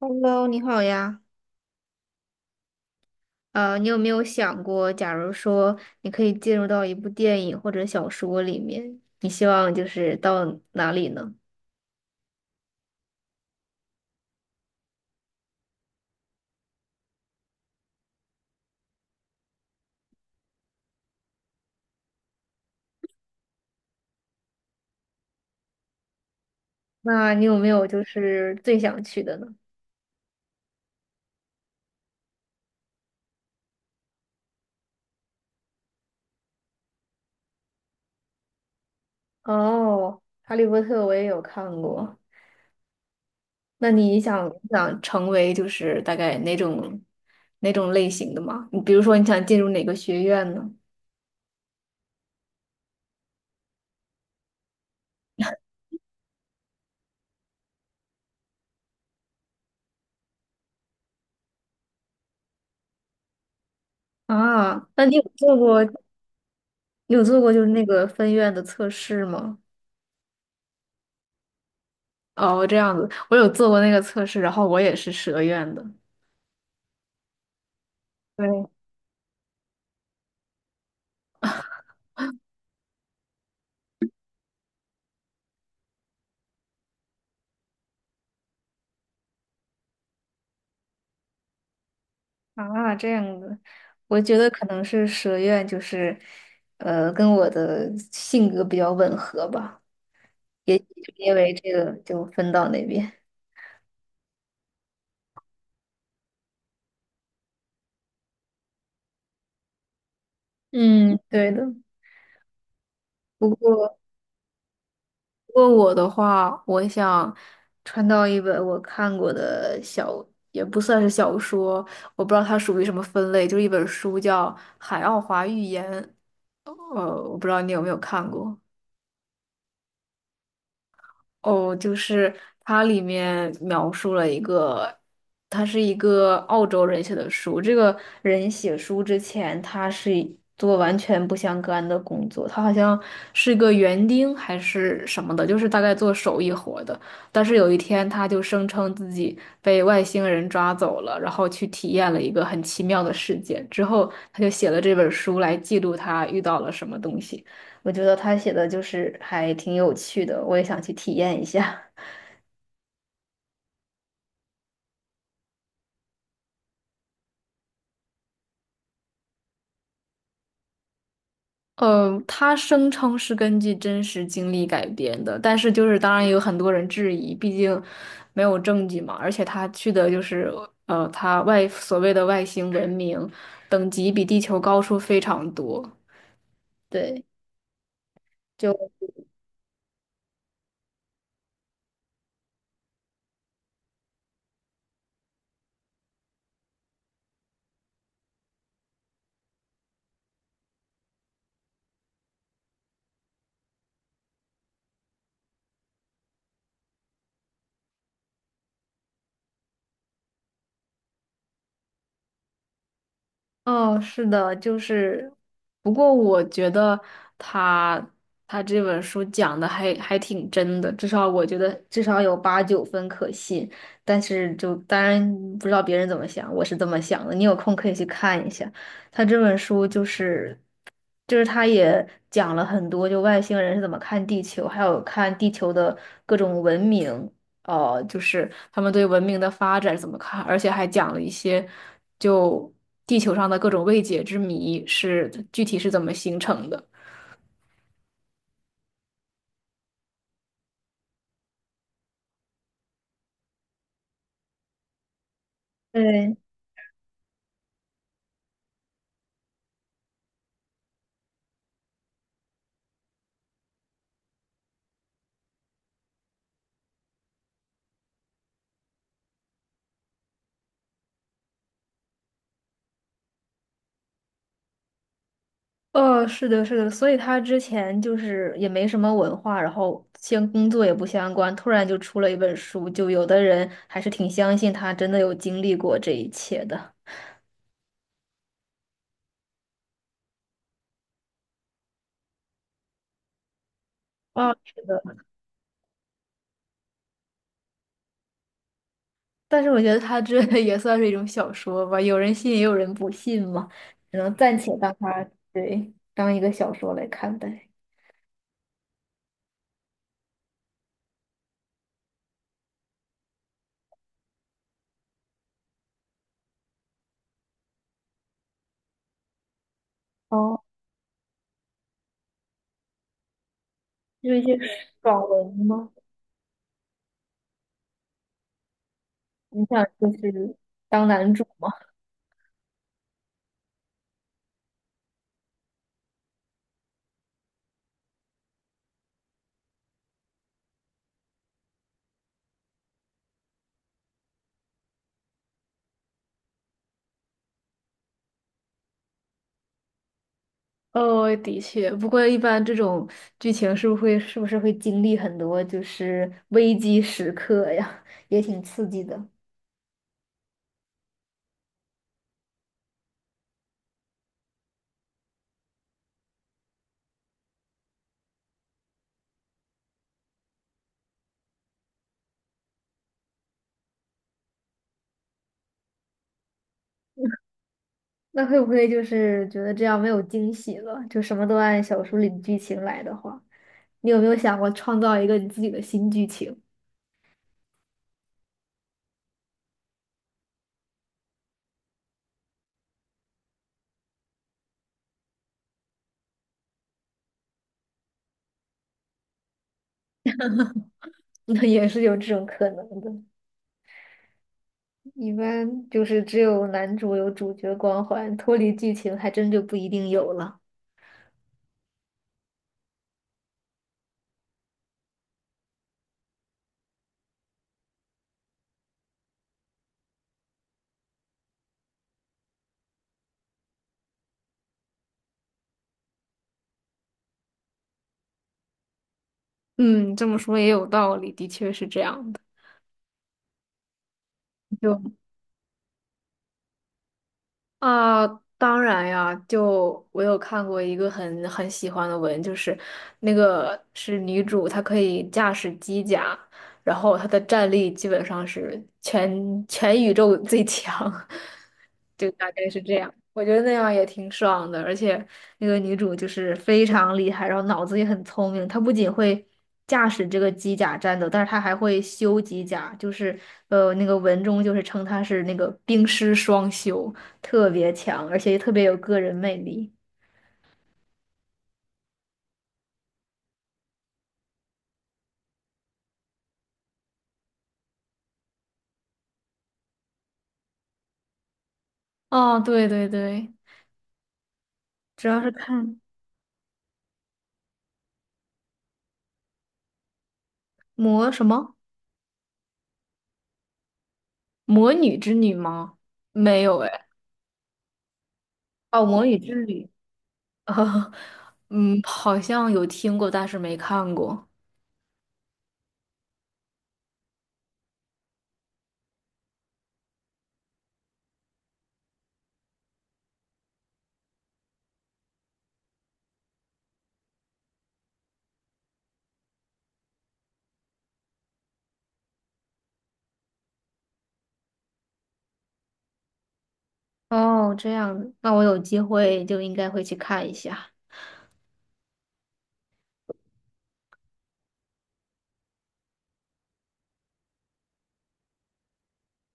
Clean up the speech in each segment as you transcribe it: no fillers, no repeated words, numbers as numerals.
Hello，你好呀。你有没有想过，假如说你可以进入到一部电影或者小说里面，你希望就是到哪里呢？那你有没有就是最想去的呢？哦，《哈利波特》我也有看过。那你想想成为就是大概哪种哪种类型的吗？你比如说你想进入哪个学院呢？啊，那你有做过你有做过就是那个分院的测试吗？哦，这样子，我有做过那个测试，然后我也是蛇院的。对啊，这样子，我觉得可能是蛇院就是，跟我的性格比较吻合吧，也许就因为这个就分到那边。嗯，对的。不过，不过我的话，我想穿到一本我看过的小，也不算是小说，我不知道它属于什么分类，就是一本书叫《海奥华寓言》。我不知道你有没有看过。哦，就是它里面描述了一个，他是一个澳洲人写的书。这个人写书之前，他是做完全不相干的工作，他好像是个园丁还是什么的，就是大概做手艺活的。但是有一天，他就声称自己被外星人抓走了，然后去体验了一个很奇妙的世界。之后，他就写了这本书来记录他遇到了什么东西。我觉得他写的就是还挺有趣的，我也想去体验一下。他声称是根据真实经历改编的，但是就是当然也有很多人质疑，毕竟没有证据嘛。而且他去的就是他外所谓的外星文明，等级比地球高出非常多。对。就。哦，是的，就是，不过我觉得他他这本书讲的还挺真的，至少我觉得至少有八九分可信。但是就当然不知道别人怎么想，我是这么想的。你有空可以去看一下，他这本书就是他也讲了很多，就外星人是怎么看地球，还有看地球的各种文明。就是他们对文明的发展怎么看，而且还讲了一些就地球上的各种未解之谜是具体是怎么形成的。对，哦，是的，是的，所以他之前就是也没什么文化，然后相，工作也不相关，突然就出了一本书，就有的人还是挺相信他真的有经历过这一切的。啊，但是我觉得他这 也算是一种小说吧，有人信也有人不信嘛，只能暂且当他对当一个小说来看待。哦，就是一些爽文吗？你想就是当男主吗？哦，的确，不过一般这种剧情是不是会经历很多就是危机时刻呀，也挺刺激的。那会不会就是觉得这样没有惊喜了？就什么都按小说里的剧情来的话，你有没有想过创造一个你自己的新剧情？那也是有这种可能的。一般就是只有男主有主角光环，脱离剧情还真就不一定有了。嗯，这么说也有道理，的确是这样的。就。啊，当然呀，就我有看过一个很喜欢的文，就是那个是女主，她可以驾驶机甲，然后她的战力基本上是全宇宙最强，就大概是这样。我觉得那样也挺爽的，而且那个女主就是非常厉害，然后脑子也很聪明。她不仅会驾驶这个机甲战斗，但是她还会修机甲，就是那个文中就是称她是那个冰师双修，特别强，而且也特别有个人魅力。哦，对对对，主要是看魔什么魔女之女吗？没有哎，哦，魔女之旅。哦嗯，好像有听过，但是没看过。哦，这样子，那我有机会就应该会去看一下。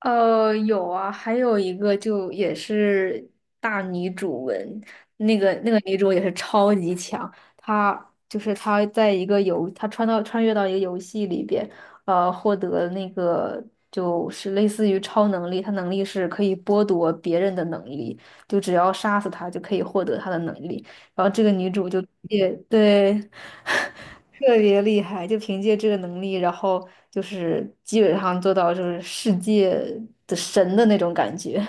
有啊，还有一个就也是大女主文，那个女主也是超级强，她就是她在一个游，她穿到穿越到一个游戏里边，获得那个就是类似于超能力，她能力是可以剥夺别人的能力，就只要杀死她就可以获得她的能力，然后这个女主就也对。特别厉害，就凭借这个能力，然后就是基本上做到就是世界的神的那种感觉。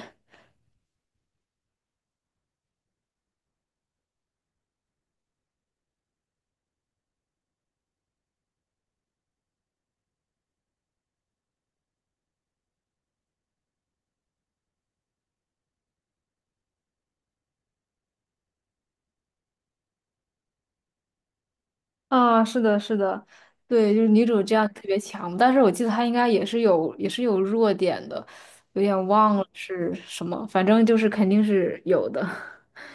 啊，是的，是的，对，就是女主这样特别强，但是我记得她应该也是有弱点的，有点忘了是什么，反正就是肯定是有的。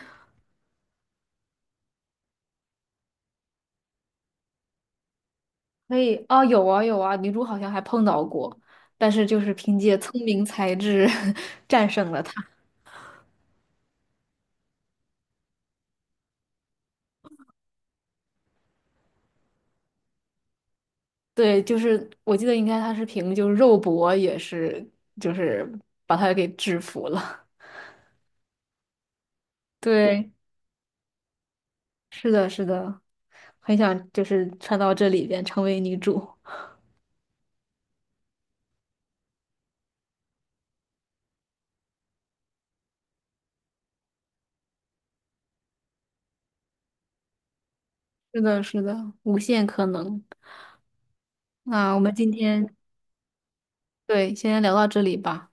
可以啊，有啊，女主好像还碰到过，但是就是凭借聪明才智 战胜了她。对，就是我记得应该他是凭就是肉搏也是就是把他给制服了。对，是的，是的，很想就是穿到这里边成为女主。是的，是的，无限可能。那我们今天对，先聊到这里吧，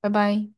拜拜。